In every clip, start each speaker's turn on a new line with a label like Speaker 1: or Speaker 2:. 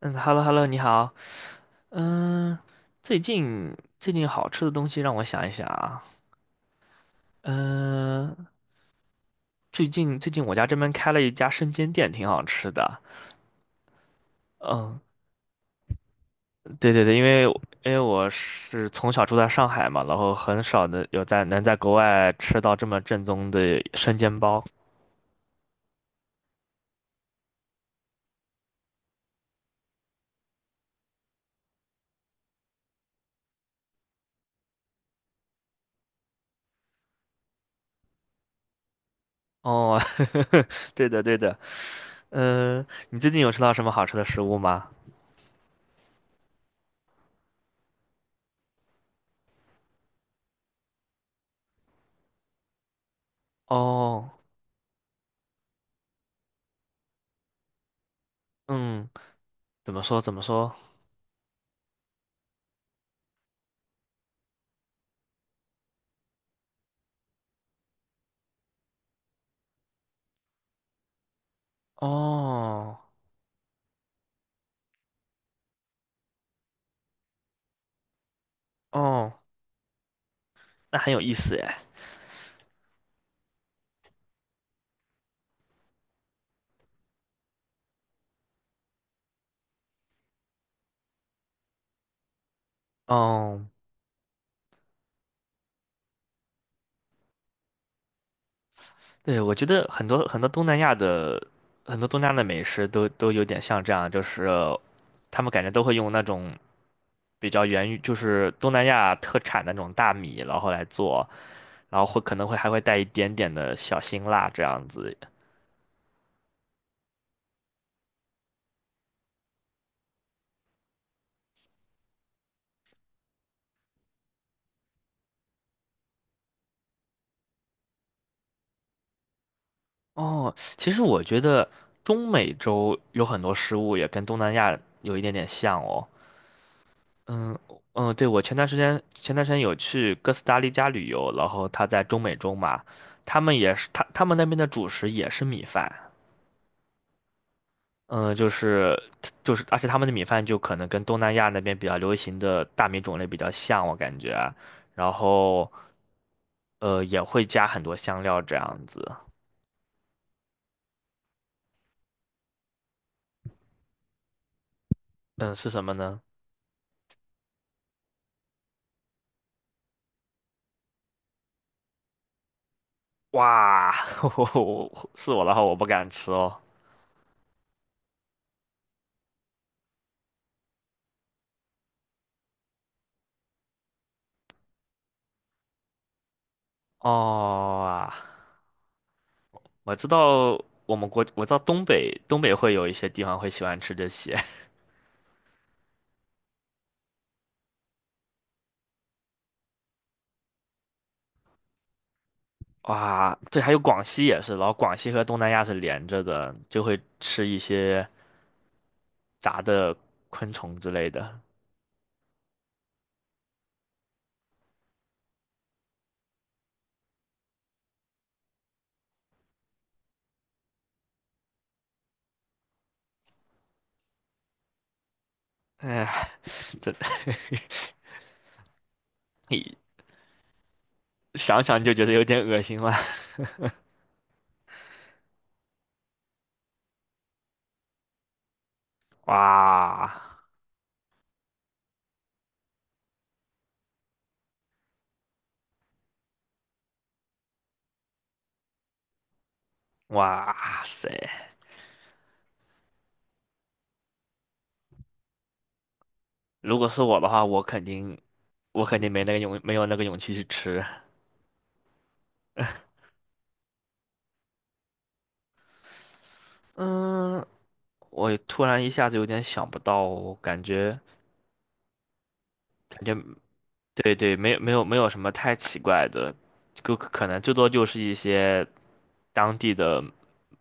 Speaker 1: 嗯，hello，你好。嗯，最近好吃的东西让我想一想啊。嗯，最近我家这边开了一家生煎店，挺好吃的。嗯，对对对，因为我是从小住在上海嘛，然后很少的有在能在国外吃到这么正宗的生煎包。哦，对的对的。嗯，你最近有吃到什么好吃的食物吗？哦，嗯，怎么说怎么说？哦哦。那很有意思哎。哦，对，我觉得很多东南亚的美食都有点像这样，就是他们感觉都会用那种比较源于就是东南亚特产的那种大米，然后来做，然后会可能会还会带一点点的小辛辣这样子。哦，其实我觉得中美洲有很多食物也跟东南亚有一点点像哦。嗯嗯，对，我前段时间有去哥斯达黎加旅游，然后他在中美洲嘛，他们也是他们那边的主食也是米饭。嗯，就是，而且他们的米饭就可能跟东南亚那边比较流行的大米种类比较像，我感觉，然后也会加很多香料这样子。嗯，是什么呢？哇，我我的话我不敢吃哦。哦啊。我知道东北，会有一些地方会喜欢吃这些。哇，对，还有广西也是，然后广西和东南亚是连着的，就会吃一些炸的昆虫之类的。哎，这 你想想就觉得有点恶心了。哇哇塞！如果是我的话，我肯定没有那个勇气去吃。嗯，我突然一下子有点想不到，感觉感觉对对，没有没有没有什么太奇怪的，就可能最多就是一些当地的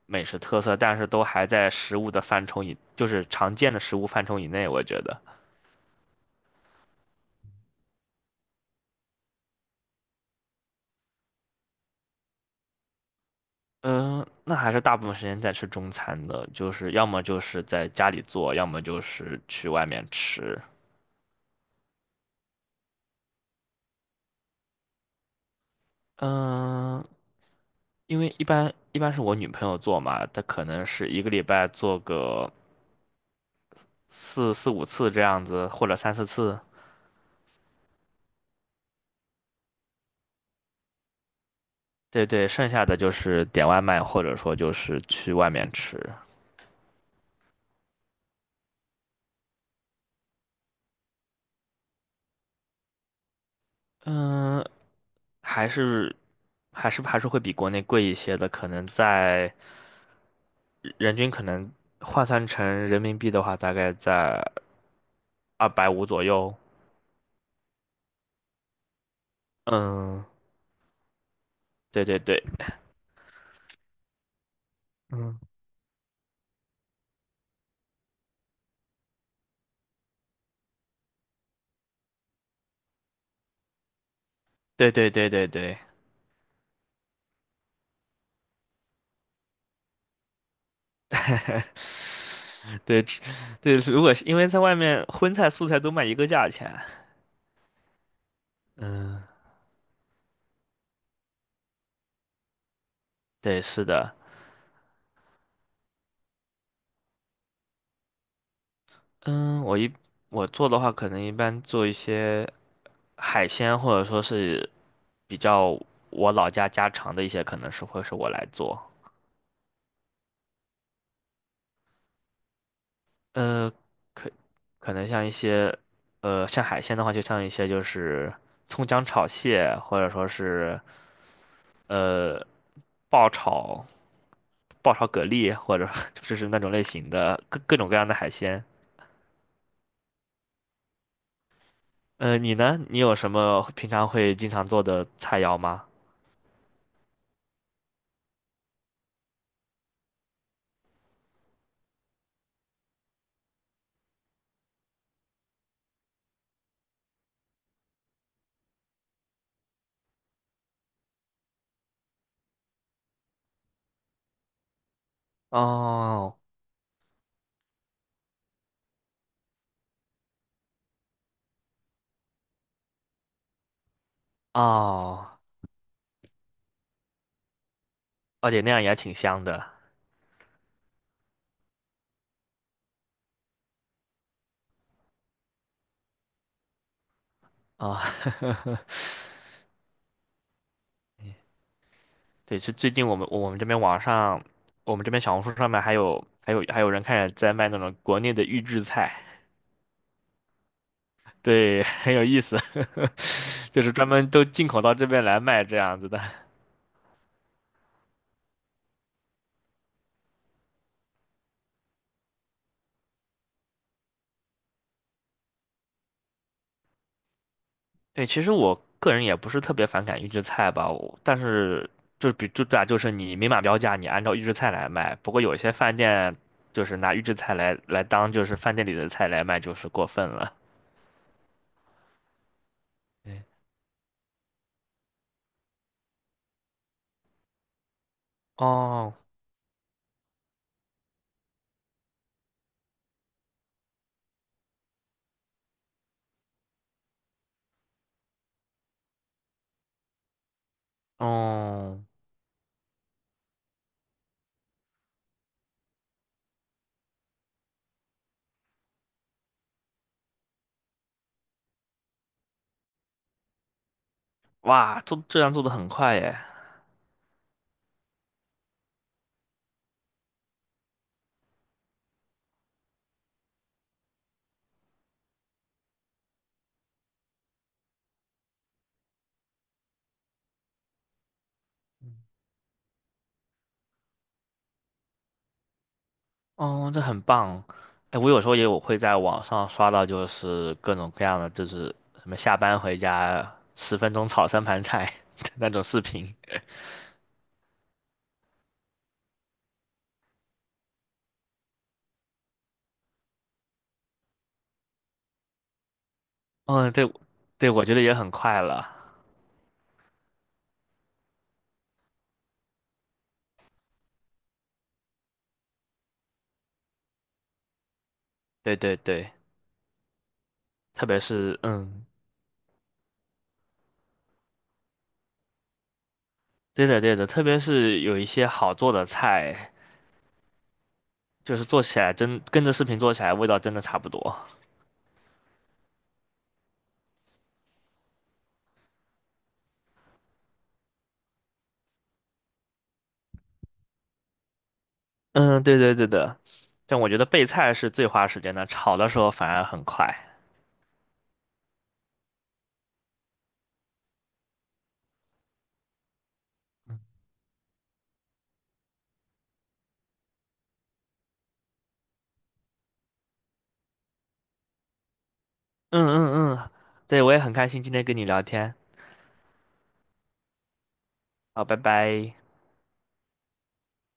Speaker 1: 美食特色，但是都还在食物的范畴以，就是常见的食物范畴以内，我觉得。嗯，那还是大部分时间在吃中餐的，就是要么就是在家里做，要么就是去外面吃。嗯，因为一般是我女朋友做嘛，她可能是一个礼拜做个四五次这样子，或者三四次。对对，剩下的就是点外卖，或者说就是去外面吃。嗯，还是还是会比国内贵一些的，可能在人均可能换算成人民币的话，大概在250左右。嗯，对对对。嗯，对对对对对。对吃对，如果是因为在外面荤菜素菜都卖一个价钱。嗯，对，是的。嗯，我做的话，可能一般做一些海鲜，或者说是比较我老家家常的一些，可能是会是我来做。呃，可可能像一些，像海鲜的话，就像一些就是葱姜炒蟹，或者说是呃爆炒爆炒蛤蜊，或者 就是那种类型的各种各样的海鲜。你呢？你有什么平常会经常做的菜肴吗？哦哦，而且那样也挺香的啊。对，是最近我们这边网上，我们这边小红书上面还有人开始在卖那种国内的预制菜。对，很有意思，就是专门都进口到这边来卖这样子的。对，其实我个人也不是特别反感预制菜吧，我但是就比就对啊，就是你明码标价，你按照预制菜来卖。不过有些饭店就是拿预制菜来当就是饭店里的菜来卖，就是过分了。对。哦，哦。哇，做这样做的很快耶。哦，这很棒。哎，我有时候我会在网上刷到，就是各种各样的，就是什么下班回家10分钟炒三盘菜的 那种视频。嗯，对。对，我觉得也很快了。对对对，特别是。嗯，对的对的，特别是有一些好做的菜，就是做起来真跟着视频做起来味道真的差不多。嗯，对对对的。但我觉得备菜是最花时间的，炒的时候反而很快。嗯嗯嗯，对，我也很开心今天跟你聊天。好，拜拜。